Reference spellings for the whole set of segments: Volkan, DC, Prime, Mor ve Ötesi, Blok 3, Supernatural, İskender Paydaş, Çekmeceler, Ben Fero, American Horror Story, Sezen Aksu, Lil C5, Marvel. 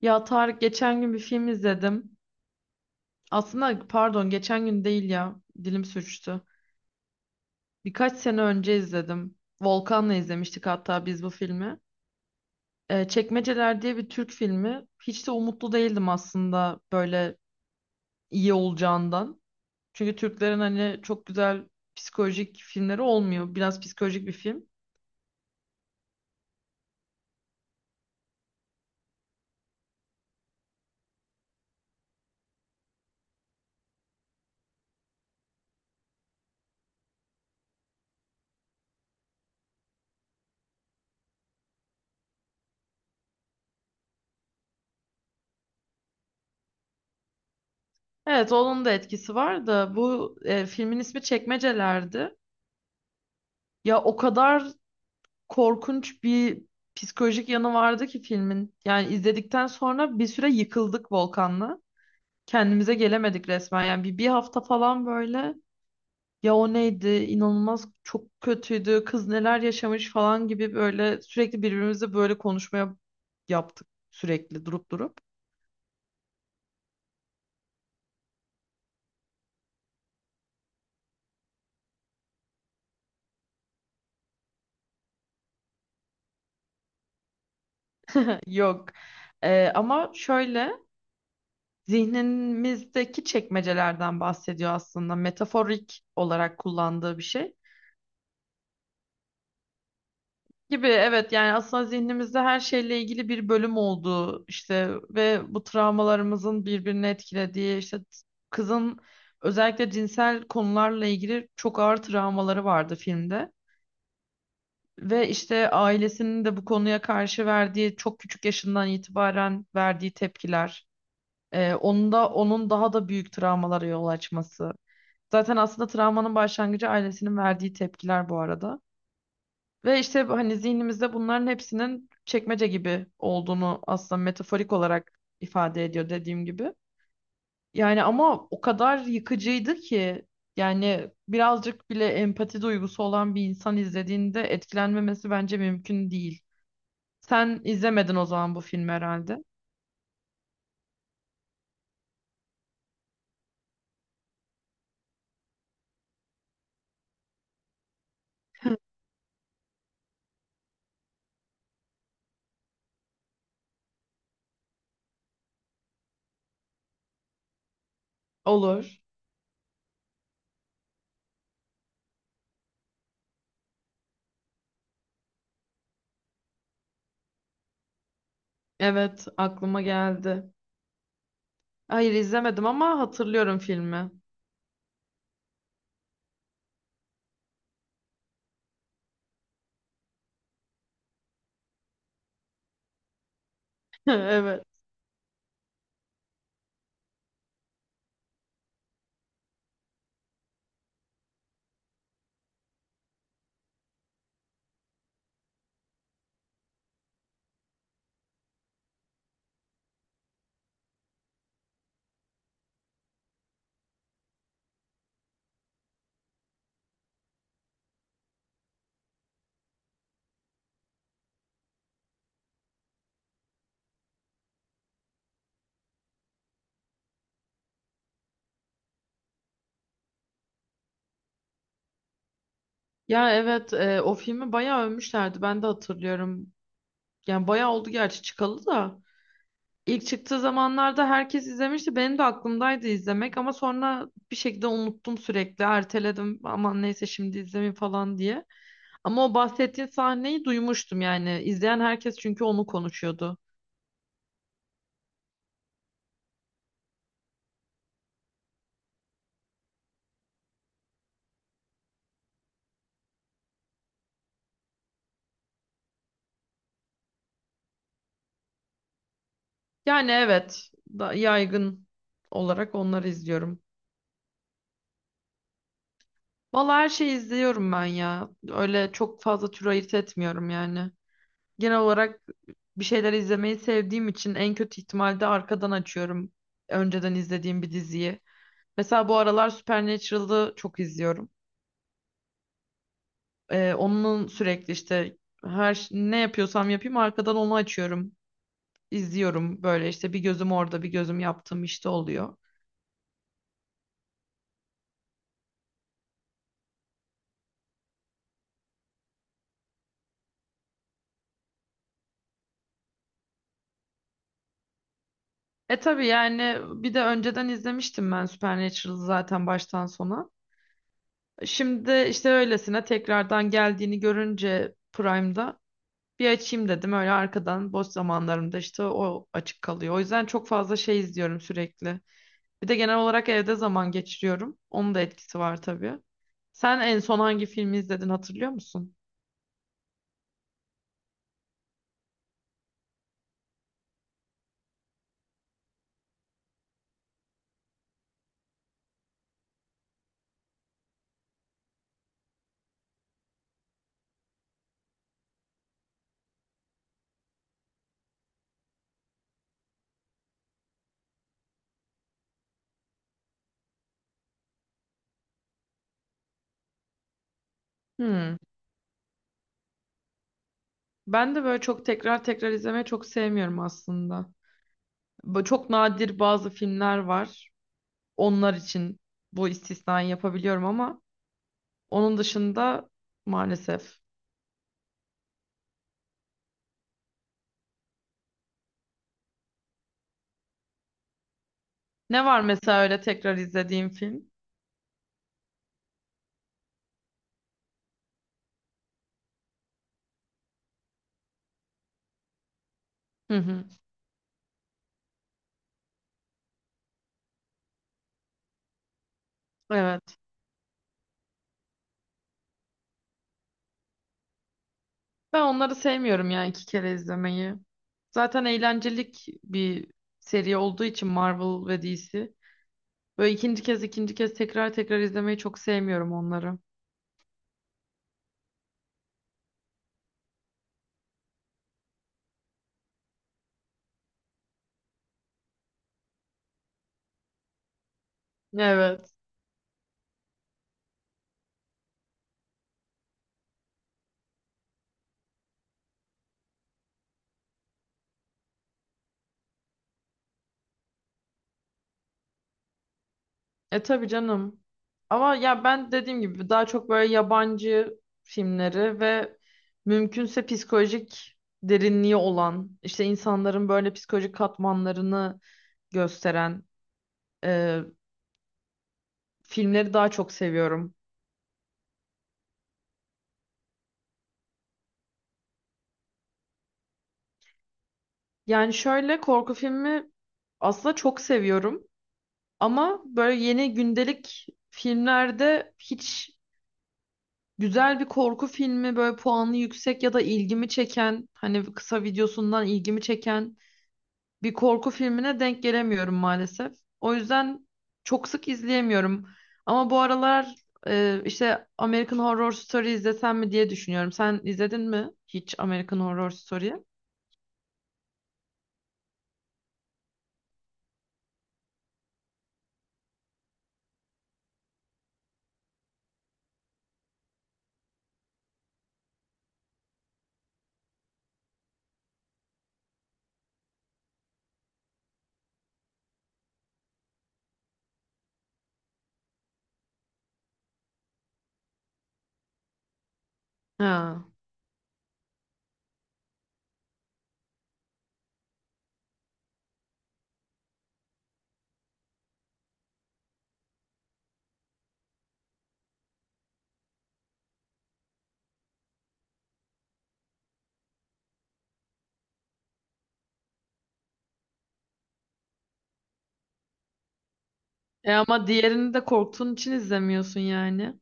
Ya Tarık, geçen gün bir film izledim. Aslında pardon, geçen gün değil ya. Dilim sürçtü. Birkaç sene önce izledim. Volkan'la izlemiştik hatta biz bu filmi. Çekmeceler diye bir Türk filmi. Hiç de umutlu değildim aslında böyle iyi olacağından. Çünkü Türklerin hani çok güzel psikolojik filmleri olmuyor. Biraz psikolojik bir film. Evet, onun da etkisi var da bu filmin ismi Çekmeceler'di. Ya o kadar korkunç bir psikolojik yanı vardı ki filmin. Yani izledikten sonra bir süre yıkıldık Volkan'la. Kendimize gelemedik resmen. Yani bir hafta falan böyle, ya o neydi, inanılmaz çok kötüydü, kız neler yaşamış falan gibi böyle sürekli birbirimizle böyle konuşmaya yaptık sürekli durup durup. Yok. Ama şöyle, zihnimizdeki çekmecelerden bahsediyor aslında. Metaforik olarak kullandığı bir şey. Gibi, evet, yani aslında zihnimizde her şeyle ilgili bir bölüm olduğu işte ve bu travmalarımızın birbirini etkilediği işte, kızın özellikle cinsel konularla ilgili çok ağır travmaları vardı filmde. Ve işte ailesinin de bu konuya karşı verdiği, çok küçük yaşından itibaren verdiği tepkiler. Onun da onun daha da büyük travmalara yol açması. Zaten aslında travmanın başlangıcı ailesinin verdiği tepkiler bu arada. Ve işte hani zihnimizde bunların hepsinin çekmece gibi olduğunu aslında metaforik olarak ifade ediyor, dediğim gibi. Yani ama o kadar yıkıcıydı ki, yani birazcık bile empati duygusu olan bir insan izlediğinde etkilenmemesi bence mümkün değil. Sen izlemedin o zaman bu filmi herhalde. Olur. Evet, aklıma geldi. Hayır izlemedim ama hatırlıyorum filmi. Evet. Ya evet, o filmi bayağı övmüşlerdi, ben de hatırlıyorum. Yani bayağı oldu gerçi çıkalı da. İlk çıktığı zamanlarda herkes izlemişti. Benim de aklımdaydı izlemek ama sonra bir şekilde unuttum sürekli. Erteledim, aman neyse şimdi izlemeyeyim falan diye. Ama o bahsettiğin sahneyi duymuştum yani. İzleyen herkes çünkü onu konuşuyordu. Yani evet, da yaygın olarak onları izliyorum. Valla her şeyi izliyorum ben ya. Öyle çok fazla tür ayırt etmiyorum yani. Genel olarak bir şeyler izlemeyi sevdiğim için en kötü ihtimalde arkadan açıyorum önceden izlediğim bir diziyi. Mesela bu aralar Supernatural'ı çok izliyorum. Onun sürekli işte, ne yapıyorsam yapayım arkadan onu açıyorum. İzliyorum böyle işte, bir gözüm orada bir gözüm yaptığım işte oluyor. E tabii yani, bir de önceden izlemiştim ben Supernatural'ı zaten baştan sona. Şimdi işte öylesine tekrardan geldiğini görünce Prime'da bir açayım dedim, öyle arkadan boş zamanlarımda işte o açık kalıyor. O yüzden çok fazla şey izliyorum sürekli. Bir de genel olarak evde zaman geçiriyorum. Onun da etkisi var tabii. Sen en son hangi filmi izledin, hatırlıyor musun? Hmm. Ben de böyle çok tekrar tekrar izlemeyi çok sevmiyorum aslında. Böyle çok nadir bazı filmler var. Onlar için bu istisnayı yapabiliyorum ama onun dışında maalesef. Ne var mesela öyle tekrar izlediğim film? Hı hı. Evet. Ben onları sevmiyorum yani, iki kere izlemeyi. Zaten eğlencelik bir seri olduğu için Marvel ve DC. Böyle ikinci kez tekrar tekrar izlemeyi çok sevmiyorum onları. Evet. E tabii canım. Ama ya ben dediğim gibi daha çok böyle yabancı filmleri ve mümkünse psikolojik derinliği olan, işte insanların böyle psikolojik katmanlarını gösteren e, filmleri daha çok seviyorum. Yani şöyle, korku filmi aslında çok seviyorum ama böyle yeni gündelik filmlerde hiç. Güzel bir korku filmi, böyle puanı yüksek ya da ilgimi çeken, hani kısa videosundan ilgimi çeken bir korku filmine denk gelemiyorum maalesef. O yüzden çok sık izleyemiyorum. Ama bu aralar işte American Horror Story izlesem mi diye düşünüyorum. Sen izledin mi hiç American Horror Story'yi? Ha. E ama diğerini de korktuğun için izlemiyorsun yani.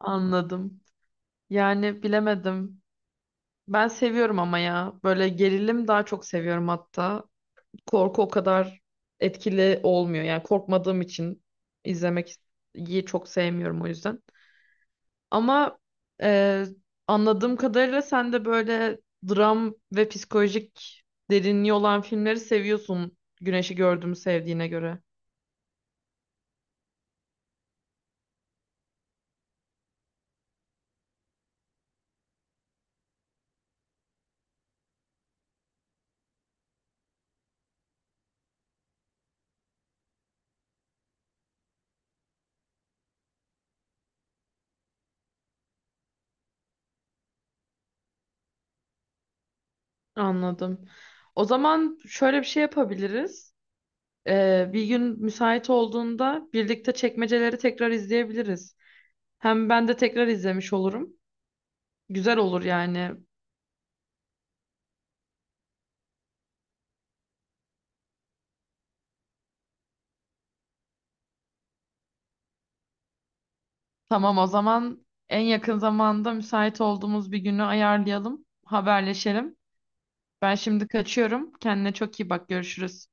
Anladım. Yani bilemedim. Ben seviyorum ama ya. Böyle gerilim daha çok seviyorum hatta. Korku o kadar etkili olmuyor. Yani korkmadığım için izlemek iyi, çok sevmiyorum o yüzden. Ama e, anladığım kadarıyla sen de böyle dram ve psikolojik derinliği olan filmleri seviyorsun. Güneşi Gördüğümü sevdiğine göre. Anladım. O zaman şöyle bir şey yapabiliriz. Bir gün müsait olduğunda birlikte Çekmeceleri tekrar izleyebiliriz. Hem ben de tekrar izlemiş olurum. Güzel olur yani. Tamam, o zaman en yakın zamanda müsait olduğumuz bir günü ayarlayalım, haberleşelim. Ben şimdi kaçıyorum. Kendine çok iyi bak. Görüşürüz.